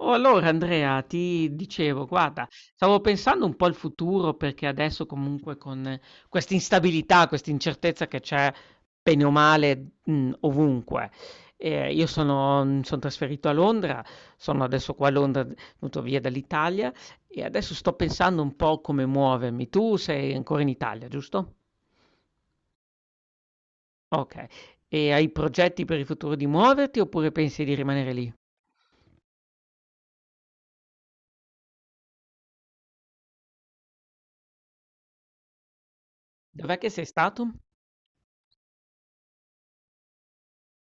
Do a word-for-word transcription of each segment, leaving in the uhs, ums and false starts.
Oh, allora Andrea, ti dicevo, guarda, stavo pensando un po' al futuro perché adesso comunque con eh, questa instabilità, questa incertezza che c'è bene o male mh, ovunque. Eh, io sono, mi sono trasferito a Londra, sono adesso qua a Londra, venuto via dall'Italia e adesso sto pensando un po' come muovermi. Tu sei ancora in Italia, giusto? Ok. E hai progetti per il futuro di muoverti oppure pensi di rimanere lì? Dov'è che sei stato?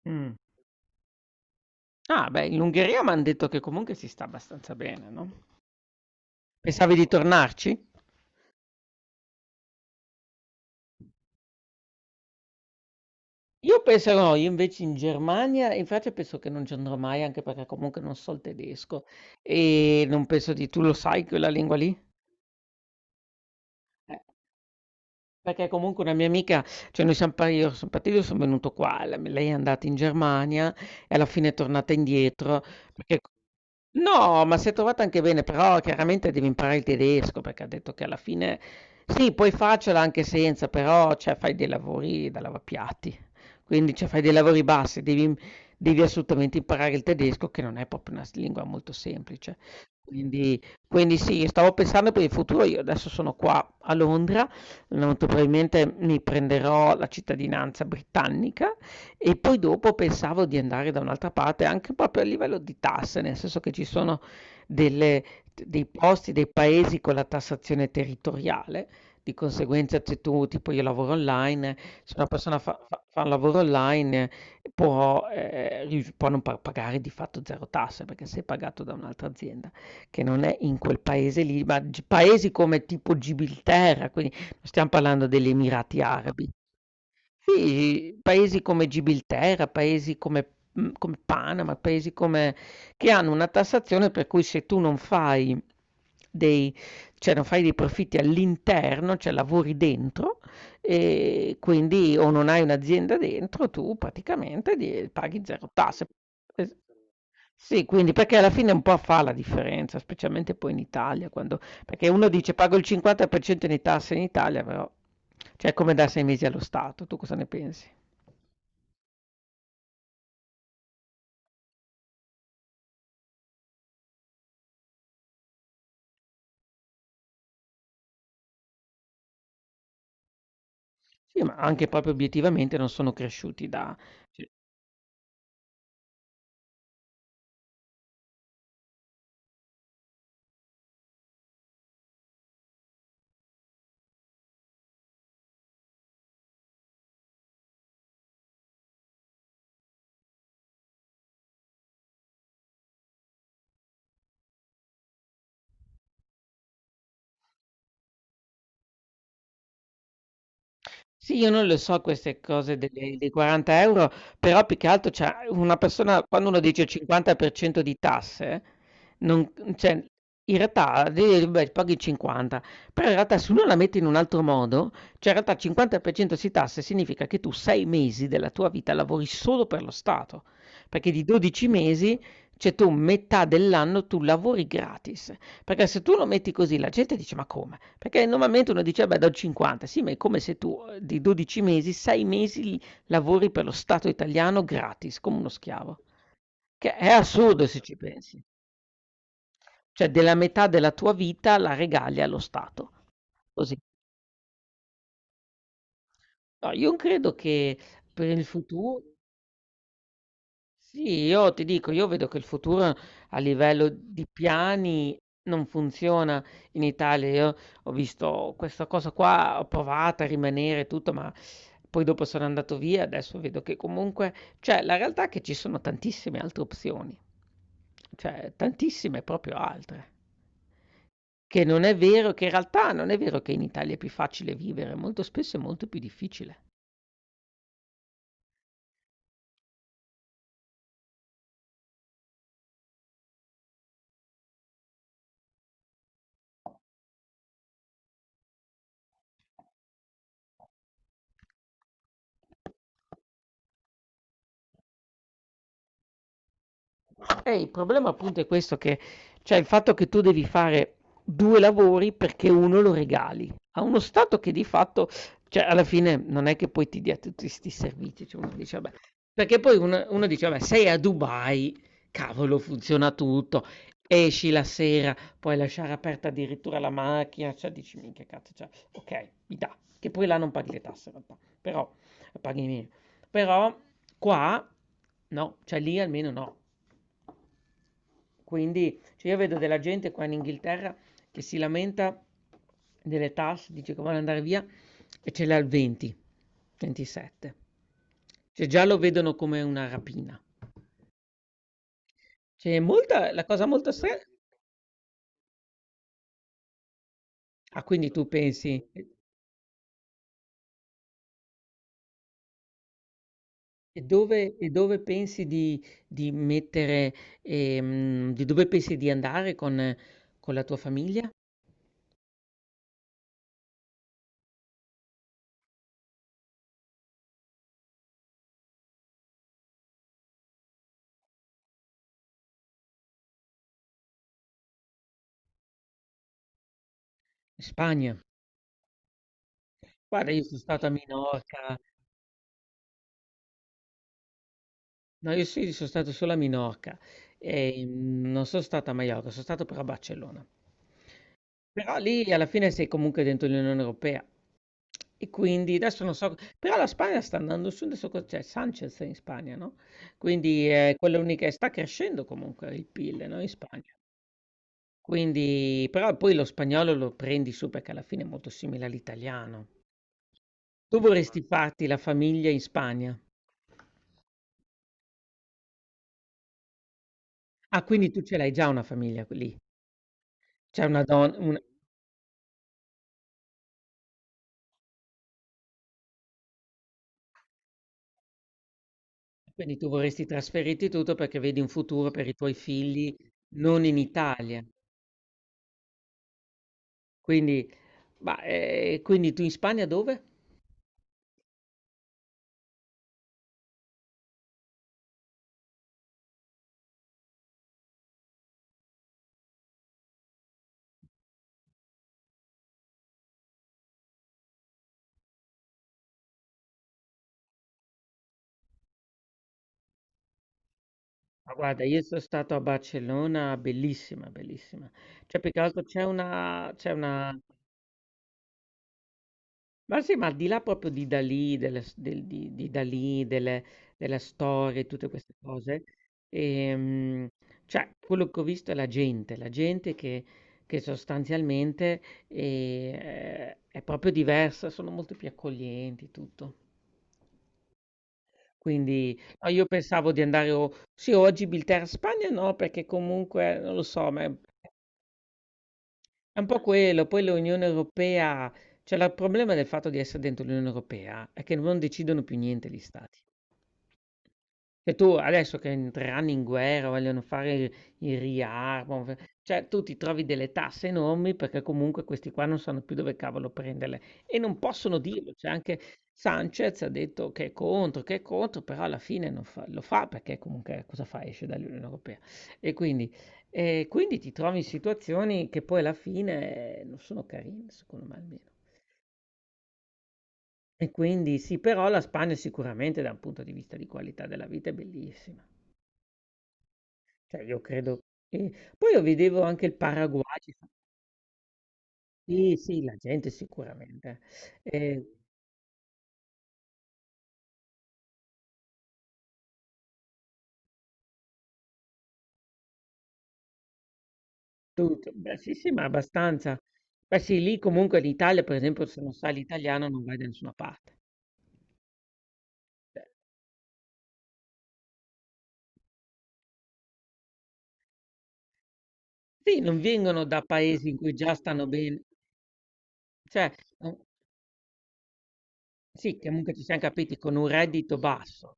Mm. Ah, beh, in Ungheria m'han detto che comunque si sta abbastanza bene, no? Pensavi di tornarci? Io penso no, io invece in Germania, in Francia penso che non ci andrò mai, anche perché comunque non so il tedesco e non penso di... Tu lo sai quella lingua lì? Eh, Perché comunque una mia amica, cioè noi siamo, par- io sono partito, io sono venuto qua, la- lei è andata in Germania e alla fine è tornata indietro, perché... No, ma si è trovata anche bene, però chiaramente devi imparare il tedesco, perché ha detto che alla fine sì, puoi farcela anche senza, però cioè, fai dei lavori da lavapiatti, quindi cioè, fai dei lavori bassi, devi, devi assolutamente imparare il tedesco, che non è proprio una s- lingua molto semplice. Quindi, quindi sì, stavo pensando per il futuro, io adesso sono qua a Londra, molto probabilmente mi prenderò la cittadinanza britannica e poi dopo pensavo di andare da un'altra parte, anche proprio a livello di tasse, nel senso che ci sono delle dei posti, dei paesi con la tassazione territoriale, di conseguenza se tu, tipo io lavoro online, se una persona fa, fa- fa un lavoro online eh, può, eh, rius- può non pa- pagare di fatto zero tasse perché sei pagato da un'altra azienda che non è in quel paese lì, ma gi- paesi come tipo Gibilterra, quindi non stiamo parlando degli Emirati Arabi, sì, paesi come Gibilterra, paesi come mhmm, come Panama, paesi come che hanno una tassazione per cui se tu non fai dei cioè non fai dei profitti all'interno, cioè lavori dentro, ehm, quindi o non hai un'azienda dentro, tu praticamente di paghi zero tasse. Es sì, quindi perché alla fine un po' fa la differenza, specialmente poi in Italia quando perché uno dice: "Pago il cinquanta per cento di tasse in Italia", però cioè è come dare sei mesi allo Stato. Tu cosa ne pensi? Sì, ma anche proprio obiettivamente non sono cresciuti da cioè... Sì, io non le so queste cose delle dei quaranta euro €, però più che altro cioè una persona quando uno dice cinquanta per cento di tasse, non cioè in realtà di beh, paghi cinquanta, però in realtà se uno la mette in un altro modo, cioè in realtà il cinquanta per cento si tasse significa che tu sei mesi della tua vita lavori solo per lo Stato, perché di dodici mesi, cioè tu metà dell'anno tu lavori gratis, perché se tu lo metti così la gente dice: "Ma come? Perché normalmente uno dice: "Vabbè, do il cinquanta". Sì, ma è come se tu, uhm, di dodici mesi, sei mesi l lavori per lo Stato italiano gratis, come uno schiavo. Che è assurdo se ci pensi. Cioè della metà della tua vita la regali allo Stato. Così. No, io credo che per il futu sì, io ti dico, io vedo che il futuro a livello di piani non funziona in Italia. Io ho visto questa cosa qua, ho provato a rimanere e tutto, ma poi dopo sono andato via. Adesso vedo che comunque, cioè, la realtà è che ci sono tantissime altre opzioni, cioè, tantissime proprio altre. Che non è vero, che in realtà non è vero che in Italia è più facile vivere, molto spesso è molto più difficile. E il problema appunto è questo che, cioè il fatto che tu devi fare due lavori perché uno lo regali a uno Stato che di fatto, cioè alla fine non è che poi ti dia tutti 'sti servizi, cioè uno dice vabbè perché poi uno uno dice vabbè sei a Dubai, cavolo funziona tutto, esci la sera, puoi lasciare aperta addirittura la macchina, cioè dici minchia cazzo, cioè okay, mi dà, che poi là non paghi le tasse in realtà, però paghi meno, però qua no, cioè lì almeno no. Quindi, cioè io vedo della gente qua in Inghilterra che si lamenta delle tasse, dice che vuole andare via e ce l'ha al venti, ventisette. Cioè già lo vedono come una rapina. Cioè, molta, la cosa molto strana. Ah, quindi tu pensi, e e dove, e dove pensi di, di mettere, ehm, di dove pensi di andare con, con la tua famiglia? In Spagna. Guarda, io sono stato a Minorca. No, io sì, sono stato solo a Minorca e mm, non sono stato a Maiorca, sono stato però a Barcellona. Però lì alla fine sei comunque dentro l'Unione Europea e quindi adesso non so, però la Spagna sta andando su, adesso co- c'è Sanchez in Spagna, no? Quindi eh, quella unica, sta crescendo comunque il PIL, no? In Spagna. Quindi, però poi lo spagnolo lo prendi su perché alla fine è molto simile all'italiano. Tu vorresti farti la famiglia in Spagna? Ah, quindi tu ce l'hai già una famiglia lì? C'è una donna? Quindi tu vorresti trasferirti tutto perché vedi un futuro per i tuoi figli non in Italia. Quindi, ma, eh, quindi tu in Spagna dove? Ma guarda, io sono stato a Barcellona, bellissima, bellissima. Cioè, più che altro c'è una, c'è una Ma sì, ma al di là proprio di Dalì, delle s- del- di, di Dalì, delle, delle storie, tutte queste cose, ehm, cioè quello che ho visto è la gente, la gente che, che sostanzialmente eh, è proprio diversa, sono molto più accoglienti, tutto. Quindi no, io pensavo di andare, o- sì, oggi Bilterra Spagna no, perché comunque non lo so, ma è un po' quello, poi l'Unione Europea, cioè la- il problema del fatto di essere dentro l'Unione Europea è che non decidono più niente gli stati. Che tu adesso che entreranno in guerra, vogliono fare il, il riarmo, f- cioè tu ti trovi delle tasse enormi perché comunque questi qua non sanno più dove cavolo prenderle e non possono dirlo. Cioè anche Sanchez ha detto che è contro, che è contro, però alla fine non fa- lo fa perché comunque cosa fa? Esce dall'Unione Europea. E quindi e quindi ti trovi in situazioni che poi alla fine eh, non sono carine, secondo me almeno. E quindi sì, però la Spagna sicuramente da un punto di vista di qualità della vita è bellissima. Cioè io credo che... Poi io vedevo anche il Paraguay. ci fa- Sì, sì, la gente sicuramente. Eh, tutto. Beh, sì, sì, ma abbastanza. Beh sì, lì comunque l'Italia, per esempio, se non sai l'italiano non vai da nessuna parte. Sì, non vengono da paesi in cui già stanno bene. Cioè... Sì, che comunque ci siam capiti, con un reddito basso.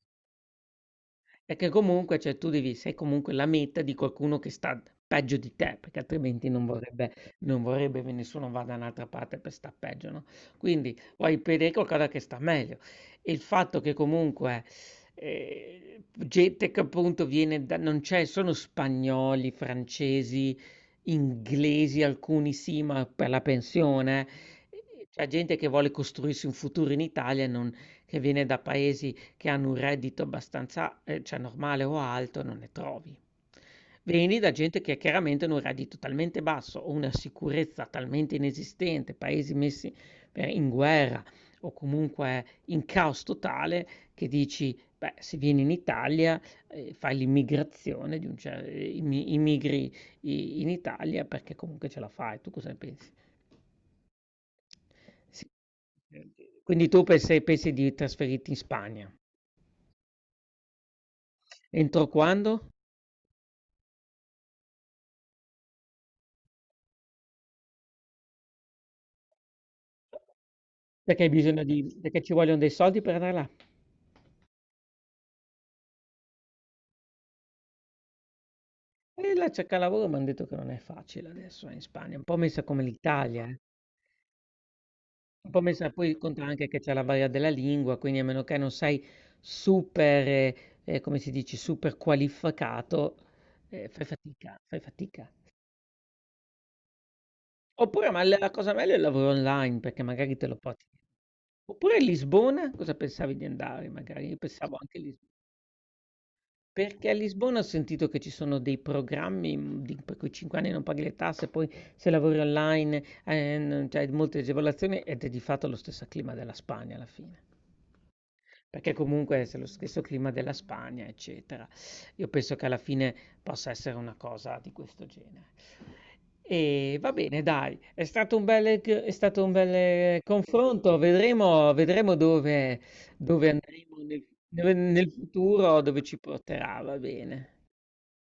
Perché comunque, cioè tu devi sei comunque la meta di qualcuno che sta peggio di te, perché altrimenti non vorrebbe non vorrebbe che nessuno vada da un'altra parte per sta peggio, no, quindi vuoi vedere qualcosa che sta meglio. E il fatto che comunque, ehm, gente che appunto viene da non c'è sono spagnoli, francesi, inglesi, alcuni sì, ma per la pensione, ehm, c'è gente che vuole costruirsi un futuro in Italia e non che viene da paesi che hanno un reddito abbastanza, ehm, cioè normale o alto, non ne trovi. Vieni da gente che chiaramente ha un reddito talmente basso o una sicurezza talmente inesistente, paesi messi, ehm, in guerra o comunque in caos totale che dici: "Beh, se vieni in Italia, ehm, fai l'immigrazione di un cer ehm, immi immigri i in Italia perché comunque ce la fai." Tu cosa ne pensi? Sì. Quindi tu pensi pensi di trasferirti in Spagna. Entro quando? Perché hai bisogno di perché ci vogliono dei soldi per andare là. E là cerca lavoro, mi han detto che non è facile adesso eh, in Spagna, un po' messa come l'Italia, eh. Un po' messa poi conta anche che c'è la barriera della lingua, quindi a meno che non sei super, eh, eh, come si dice, super qualificato, eh, fai fatica, fai fatica. Oppure, ma la la cosa meglio è il lavoro online, perché magari te lo porti. Oppure Lisbona, cosa pensavi di andare? Magari io pensavo anche lì. Perché a Lisbona ho sentito che ci sono dei programmi, mhmm, di per cui cinque anni non paghi le tasse, poi se lavori online, ehm, non c'hai molte agevolazioni ed è di fatto lo stesso clima della Spagna alla fine. Perché comunque se lo stesso clima della Spagna, eccetera. Io penso che alla fine possa essere una cosa di questo genere. E va bene dai, è stato un bel g è stato un bel confronto, vedremo vedremo dove dove andremo nel, nel- nel futuro, dove ci porterà, va bene.